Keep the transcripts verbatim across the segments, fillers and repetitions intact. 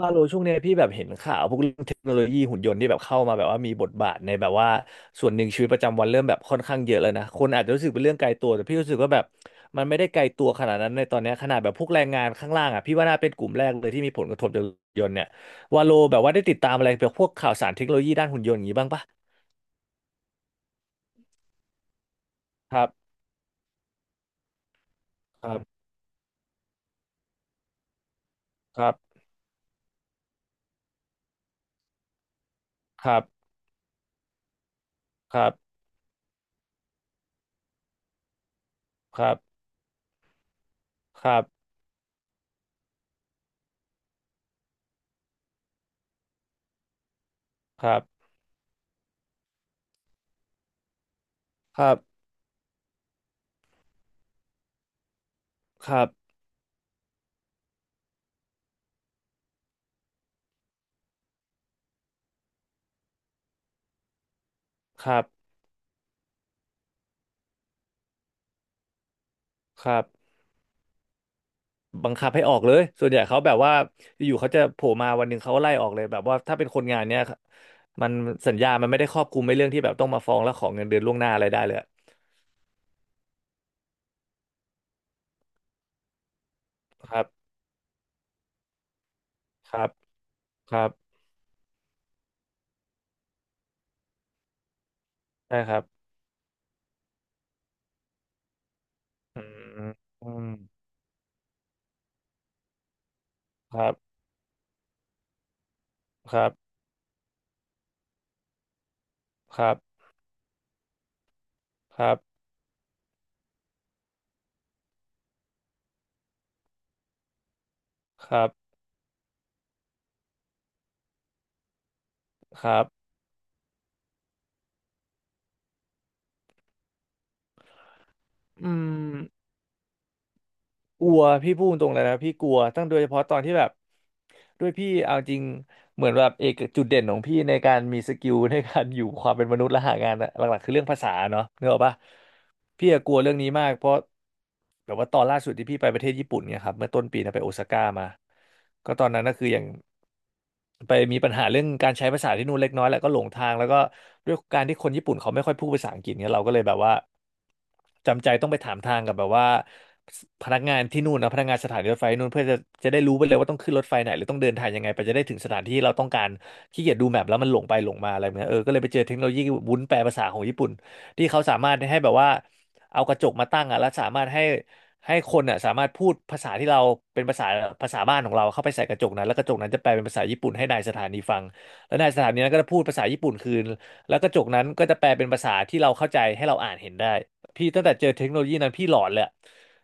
ว่าโลช่วงเนี้ยพี่แบบเห็นข่าวพวกเรื่องเทคโนโลยีหุ่นยนต์ที่แบบเข้ามาแบบว่ามีบทบาทในแบบว่าส่วนหนึ่งชีวิตประจำวันเริ่มแบบค่อนข้างเยอะเลยนะคนอาจจะรู้สึกเป็นเรื่องไกลตัวแต่พี่รู้สึกว่าแบบมันไม่ได้ไกลตัวขนาดนั้นในตอนเนี้ยขนาดแบบพวกแรงงานข้างล่างอ่ะพี่ว่าน่าเป็นกลุ่มแรกเลยที่มีผลกระทบจากหุ่นยนต์เนี่ยว่าโลแบบว่าได้ติดตามอะไรแบบพวกข่าวสารเทคโนโลยีด้านหุ่นยนต์อย่างนี้บ้างปะครับครับครับครับครับครับครับครับครับครับครับครับ บังคับให้ออกเลย ส่วนใหญ่เขาแบบว่าอยู่ๆเขาจะโผล่มาวันหนึ่งเขาก็ไล่ออกเลยแบบว่าถ้าเป็นคนงานเนี้ยมันสัญญามันไม่ได้ครอบคลุมในเรื่องที่แบบต้องมาฟ้องแล้วขอเงินเดือนล่วงหน้าอะไรได้เลยอะครับครับครับใช่ครับอืมอืมครับครับครับครับครับครับอืม กลัวพี่พูดตรงเลยนะพี่กลัวตั้งโดยเฉพาะตอนที่แบบด้วยพี่เอาจริงเหมือนแบบเอกจุดเด่นของพี่ในการมีสกิลในการอยู่ความเป็นมนุษย์และหางานอะหลักๆคือเรื่องภาษาเนาะนึกออกปะพี่อะกลัวเรื่องนี้มากเพราะแบบว่าตอนล่าสุดที่พี่ไปประเทศญี่ปุ่นเนี่ยครับเมื่อต้นปีนะไปโอซาก้ามาก็ตอนนั้นก็คืออย่างไปมีปัญหาเรื่องการใช้ภาษาที่นู่นเล็กน้อยแหละก็หลงทางแล้วก็ด้วยการที่คนญี่ปุ่นเขาไม่ค่อยพูดภาษาอังกฤษเนี่ยเราก็เลยแบบว่า จำใจต้องไปถามทางกับแบบว่าพนักงานที่นู่นนะพนักงานสถานีรถไฟนู่นเพื่อจะจะได้รู้ไปเลยว่าต้องขึ้นรถไฟไหนหรือต้องเดินทางยังไงไปจะได้ถึงสถานที่เราต้องการขี้เกียจดูแมพแล้วมันหลงไปหลงมาอะไรแบบเงี้ยเออก็เลยไปเจอเทคโนโลยีวุ้นแปลภาษาของญี่ปุ่นที่เขาสามารถให้แบบว่าเอากระจกมาตั้งอ่ะแล้วสามารถให้ให้คนอ่ะสามารถพูดภาษาที่เราเป็นภาษาภาษาบ้านของเราเข้าไปใส่กระจกนั้นแล้วกระจกนั้นจะแปลเป็นภาษาญี่ปุ่นให้นายสถานีฟังแล้วนายสถานีนั้นก็จะพูดภาษาญี่ปุ่นคืนแล้วกระจกนั้นก็จะแปลเป็นภาษาที่เราเข้าใจให้เราอ่านเห็นได้ พี่ตั้งแต่เจอเทคโนโลยีนั้นพี่หลอนเลยอะ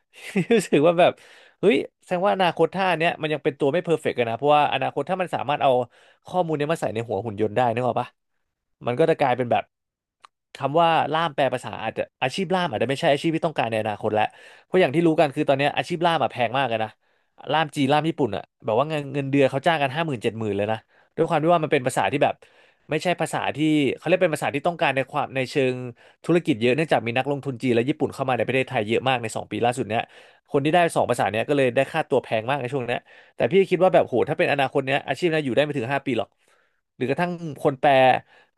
รู้สึกว่าแบบเฮ้ยแสดงว่าอนาคตท่าเนี้ยมันยังเป็นตัวไม่เพอร์เฟกต์กันนะเพราะว่าอนาคตถ้ามันสามารถเอาข้อมูลเนี้ยมาใส่ในหัวหุ่นยนต์ได้นึกออกปะมันก็จะกลายเป็นแบบคำว่าล่ามแปลภาษาอาจจะอาชีพล่ามอาจจะไม่ใช่อาชีพที่ต้องการในอนาคตแล้วเพราะอย่างที่รู้กันคือตอนเนี้ยอาชีพล่ามอะแพงมากเลยนะล่ามจีนล่ามญี่ปุ่นอะแบบว่าเงินเงินเดือนเขาจ้างกันห้าหมื่นเจ็ดหมื่นเลยนะด้วยความที่ว่ามันเป็นภาษาที่แบบไม่ใช่ภาษาที่เขาเรียกเป็นภาษาที่ต้องการในความในเชิง ธุรกิจเยอะเนื่องจากมีนักลงทุนจีนและญี่ปุ่นเข้ามาในประเทศไทยเยอะมากในสองปีล่าสุดเนี้ยคนที่ได้สองภาษาเนี้ยก็เลยได้ค่าตัวแพงมากในช่วงเนี้ยแต่พี่คิดว่าแบบโหถ้าเป็นอนาคตเนี้ยอาชีพเนี้ยอยู่ได้ไม่ถึงห้าปีหรอกหรือกระทั่งคนแปล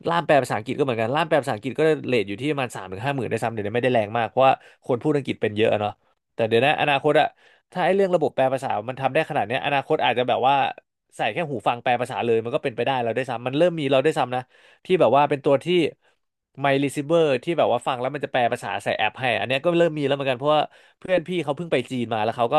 ล่ามแปลภาษาอังกฤษก็เหมือนกันล่ามแปลภาษาอังกฤษก็เรทอยู่ที่ประมาณสามถึงห้าหมื่นได้วยซ้ำเดี๋ยวนี้ไม่ได้แรงมากเพราะว่าคนพูดอังกฤษเป็นเยอะอะเนาะแต่เดี๋ยวนะอนาคตอะถ้าไอ้เรื่องระบบแปลภาษามันทำได้ขนาดเนี้ยอนาคตอาจจะแบบว่าใส่แค่หูฟังแปลภาษาเลยมันก็เป็นไปได้เราได้วยซ้ำมันเริ่มมีเราได้วยซ้ำนะ ที่แบบว่าเป็นตัวที่ My Receiver ที่แบบว่าฟังแล้วมันจะแปลภาษาใส่แอปให้อันเนี้ยก็เริ่มมีแล้วเหมือนกันเพราะว่าเพื่อนพี่เขาเพิ่งไปจีนมาแล้วเขาก็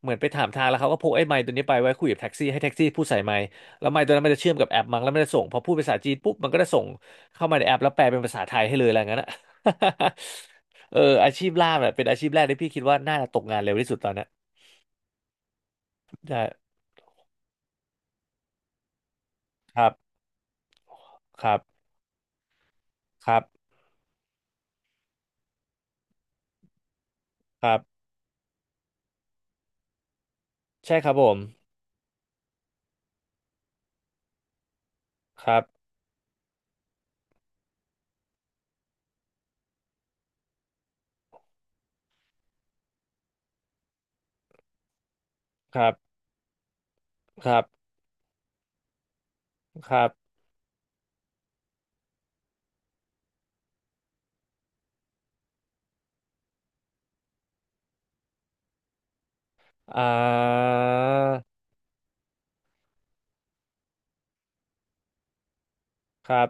เหมือนไปถามทางแล้วเขาก็พกไอ้ไมค์ตัวนี้ไปไว้คุยกับแท็กซี่ให้แท็กซี่พูดใส่ไมค์แล้วไมค์ตัวนั้นมันจะเชื่อมกับแอปมั้งแล้วมันจะส่งพอพูดภาษาจีนปุ๊บมันก็จะส่งเข้ามาในแอปแล้วแปลเป็นภาษาไทยให้เลยอะไรอย่างนั้นอะ เอออาชีพล่ามเนี่ยเป็นอาชีพแรกที่พี่คิดว่าน่าจะตกงานเร็วที่สุดตอนเนี้ยใช่ครับครับครับครับใช่ครับผมครับครับครับครับ อ่า ครับ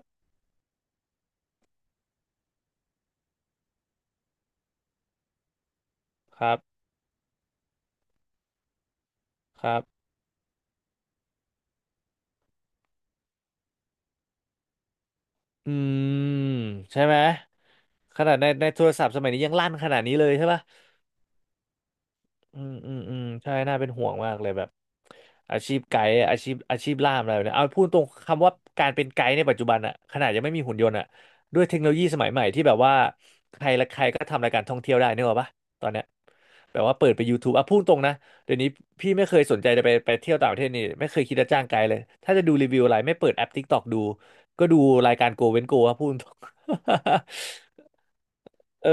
ครับ ครับ อืม ใช่ไหม ขนาดใน ในโทรศัพท์สมัยนี้ยังลั่นขนาดนี้เลยใช่ปะ อืมอืมอืมใช่น่าเป็นห่วงมากเลยแบบอาชีพไกด์อาชีพอาชีพล่ามอะไรแบบเนี้ยเอาพูดตรงคำว่าการเป็นไกด์ในปัจจุบันอะขนาดยังไม่มีหุ่นยนต์อะด้วยเทคโนโลยีสมัยใหม่ที่แบบว่าใครและใครก็ทำรายการท่องเที่ยวได้นึกออกปะตอนเนี้ยแบบว่าเปิดไป ยูทูบ อ่ะพูดตรงนะเดี๋ยวนี้พี่ไม่เคยสนใจจะไปไปเที่ยวต่างประเทศนี่ไม่เคยคิดจะจ้างไกด์เลยถ้าจะดูรีวิวอะไรไม่เปิดแอป ที ไอ เค ที อกดูก็ดูรายการ Go เว้น Go อะพูดตรง เออ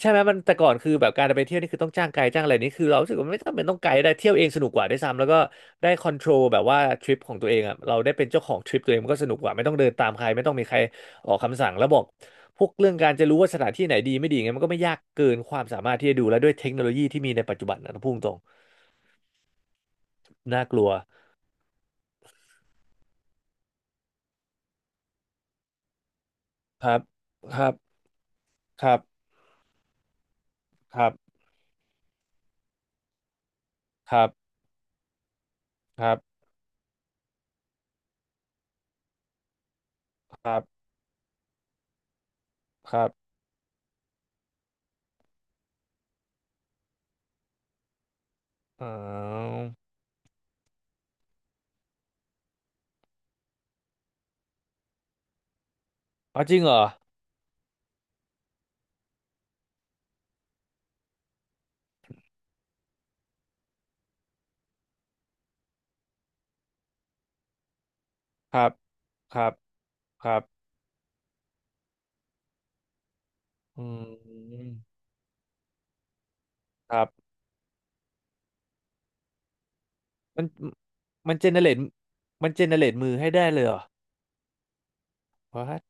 ใช่ไหมมันแต่ก่อนคือแบบการไปเที่ยวนี่คือต้องจ้างไกด์จ้างอะไรนี่คือเรารู้สึกว่าไม่จำเป็นต้องไกด์ได้เที่ยวเองสนุกกว่าด้วยซ้ำแล้วก็ได้คอนโทรลแบบว่าทริปของตัวเองอ่ะเราได้เป็นเจ้าของทริปตัวเองมันก็สนุกกว่าไม่ต้องเดินตามใครไม่ต้องมีใครออกคำสั่งแล้วบอกพวกเรื่องการจะรู้ว่าสถานที่ไหนดีไม่ดีไงมันก็ไม่ยากเกินความสามารถที่จะดูแล้วด้วยเทคโนโลยีที่มีในปัจจุบันนะพุ่งตรงน่ากลัวครับครับครับครับครับครับครับครับอ๋ออ๋อจริงเหรอครับครับครับ อืมครับมันมันเจเนเรตมันเจเนเรตมือให้ได้เลยเหรอว้าว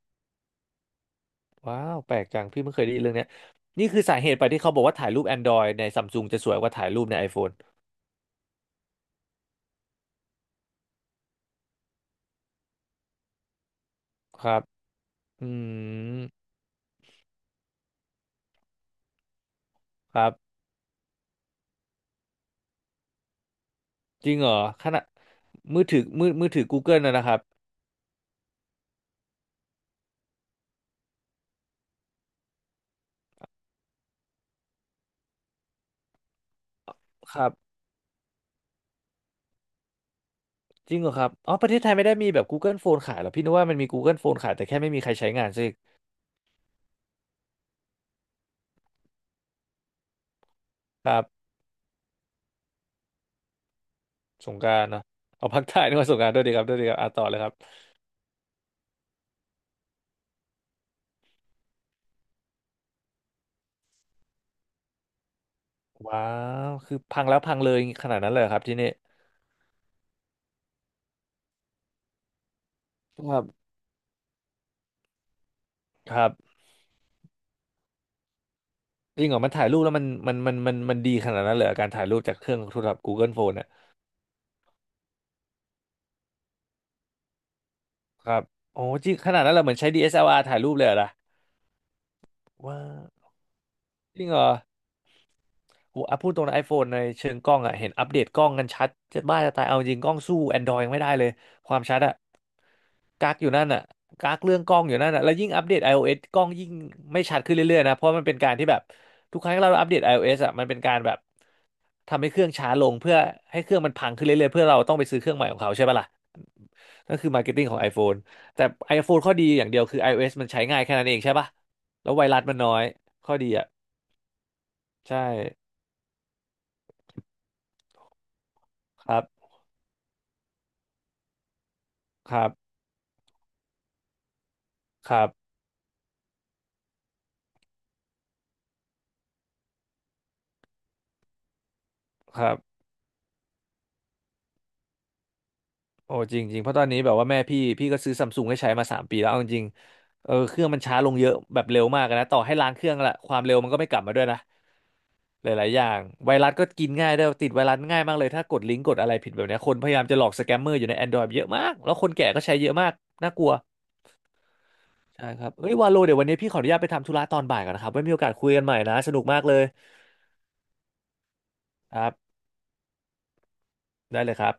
ว้าวแปลกจังพี่ไม่เคยได้ยินเรื่องเนี้ยนี่คือสาเหตุไปที่เขาบอกว่าถ่ายรูป Android ในซัมซุงจะสวยกว่าถ่ายรูปใน iPhone ครับอืมครับจริงเหรอขณะมือถือมือมือถือ Google นะนะครับครับจริงเหรอครับอ๋อประเทศไทยไม่ได้มีแบบ Google Phone ขายเหรอพี่นึกว่ามันมี Google Phone ขายแต่แค่ไม่มีใครใช้งานซะอีกครับสงกรานต์เนอะเอาพักถ่ายนึกว่าสงกรานต์ด้วยดีครับด้วยดีครับอ่ะต่อเลยครับ ว้าวคือพังแล้วพังเลยขนาดนั้นเลยเหรอครับที่นี่ครับครับจริงเหรอมันถ่ายรูปแล้วมันมันมันมันมันดีขนาดนั้นเลยเหรอการถ่ายรูปจากเครื่องโทรศัพท์ Google Phone ่ะครับโอ้จริงขนาดนั้นเหราเหมือนใช้ดีเอสแอลอาร์ถ่ายรูปเลยเหรอล่ะว้าวจริงเหรอโหอ่ะพูดตรงนะ iPhone ในเชิงกล้องอ่ะเห็นอัปเดตกล้องกันชัดจะบ้าจะตายเอาจริงกล้องสู้ Android ยังไม่ได้เลยความชัดอะกักอยู่นั่นอะกักเรื่องกล้องอยู่นั่นอะแล้วยิ่งอัปเดต iOS กล้องยิ่งไม่ชัดขึ้นเรื่อยๆนะเพราะมันเป็นการที่แบบทุกครั้งที่เราอัปเดต iOS อะมันเป็นการแบบ ทำให้เครื่องช้าลงเพื่อให้เครื่องมันพังขึ้นเรื่อยๆเพื่อเราต้องไปซื้อเครื่องใหม่ของเขาใช่ปะล่ะนั่นคือมาร์เก็ตติ้งของ iPhone แต่ ไอโฟน ข้อดีอย่างเดียวคือ ไอโอเอส มันใช้ง่ายแค่นั้นเองใช่ปะแล้วไวรัสมันน้อยข้อดีอ่ะใช่ครับครับครับครับโอ้จริงจริงเพราะตอนนี้แบบว่าแม่พี่พี่ก็ซื้อซัมซุงให้ใช้มาสามปีแล้วเอาจริงๆเออเครื่องมันช้าลงเยอะแบบเร็วมากนะต่อให้ล้างเครื่องละความเร็วมันก็ไม่กลับมาด้วยนะ หลายๆอย่างไวรัสก็กินง่ายด้วยติดไวรัสง่ายมากเลยถ้ากดลิงก์กดอะไรผิดแบบเนี้ยคนพยายามจะหลอกสแกมเมอร์อยู่ใน Android เยอะมากแล้วคนแก่ก็ใช้เยอะมากน่ากลัวใช่ครับเฮ้ยวาโลเดี๋ยววันนี้พี่ขออนุญาตไปทำธุระตอนบ่ายก่อนนะครับไว้มีโอกาสคุยกันใหม่นะสนุกมากเลยครับได้เลยครับ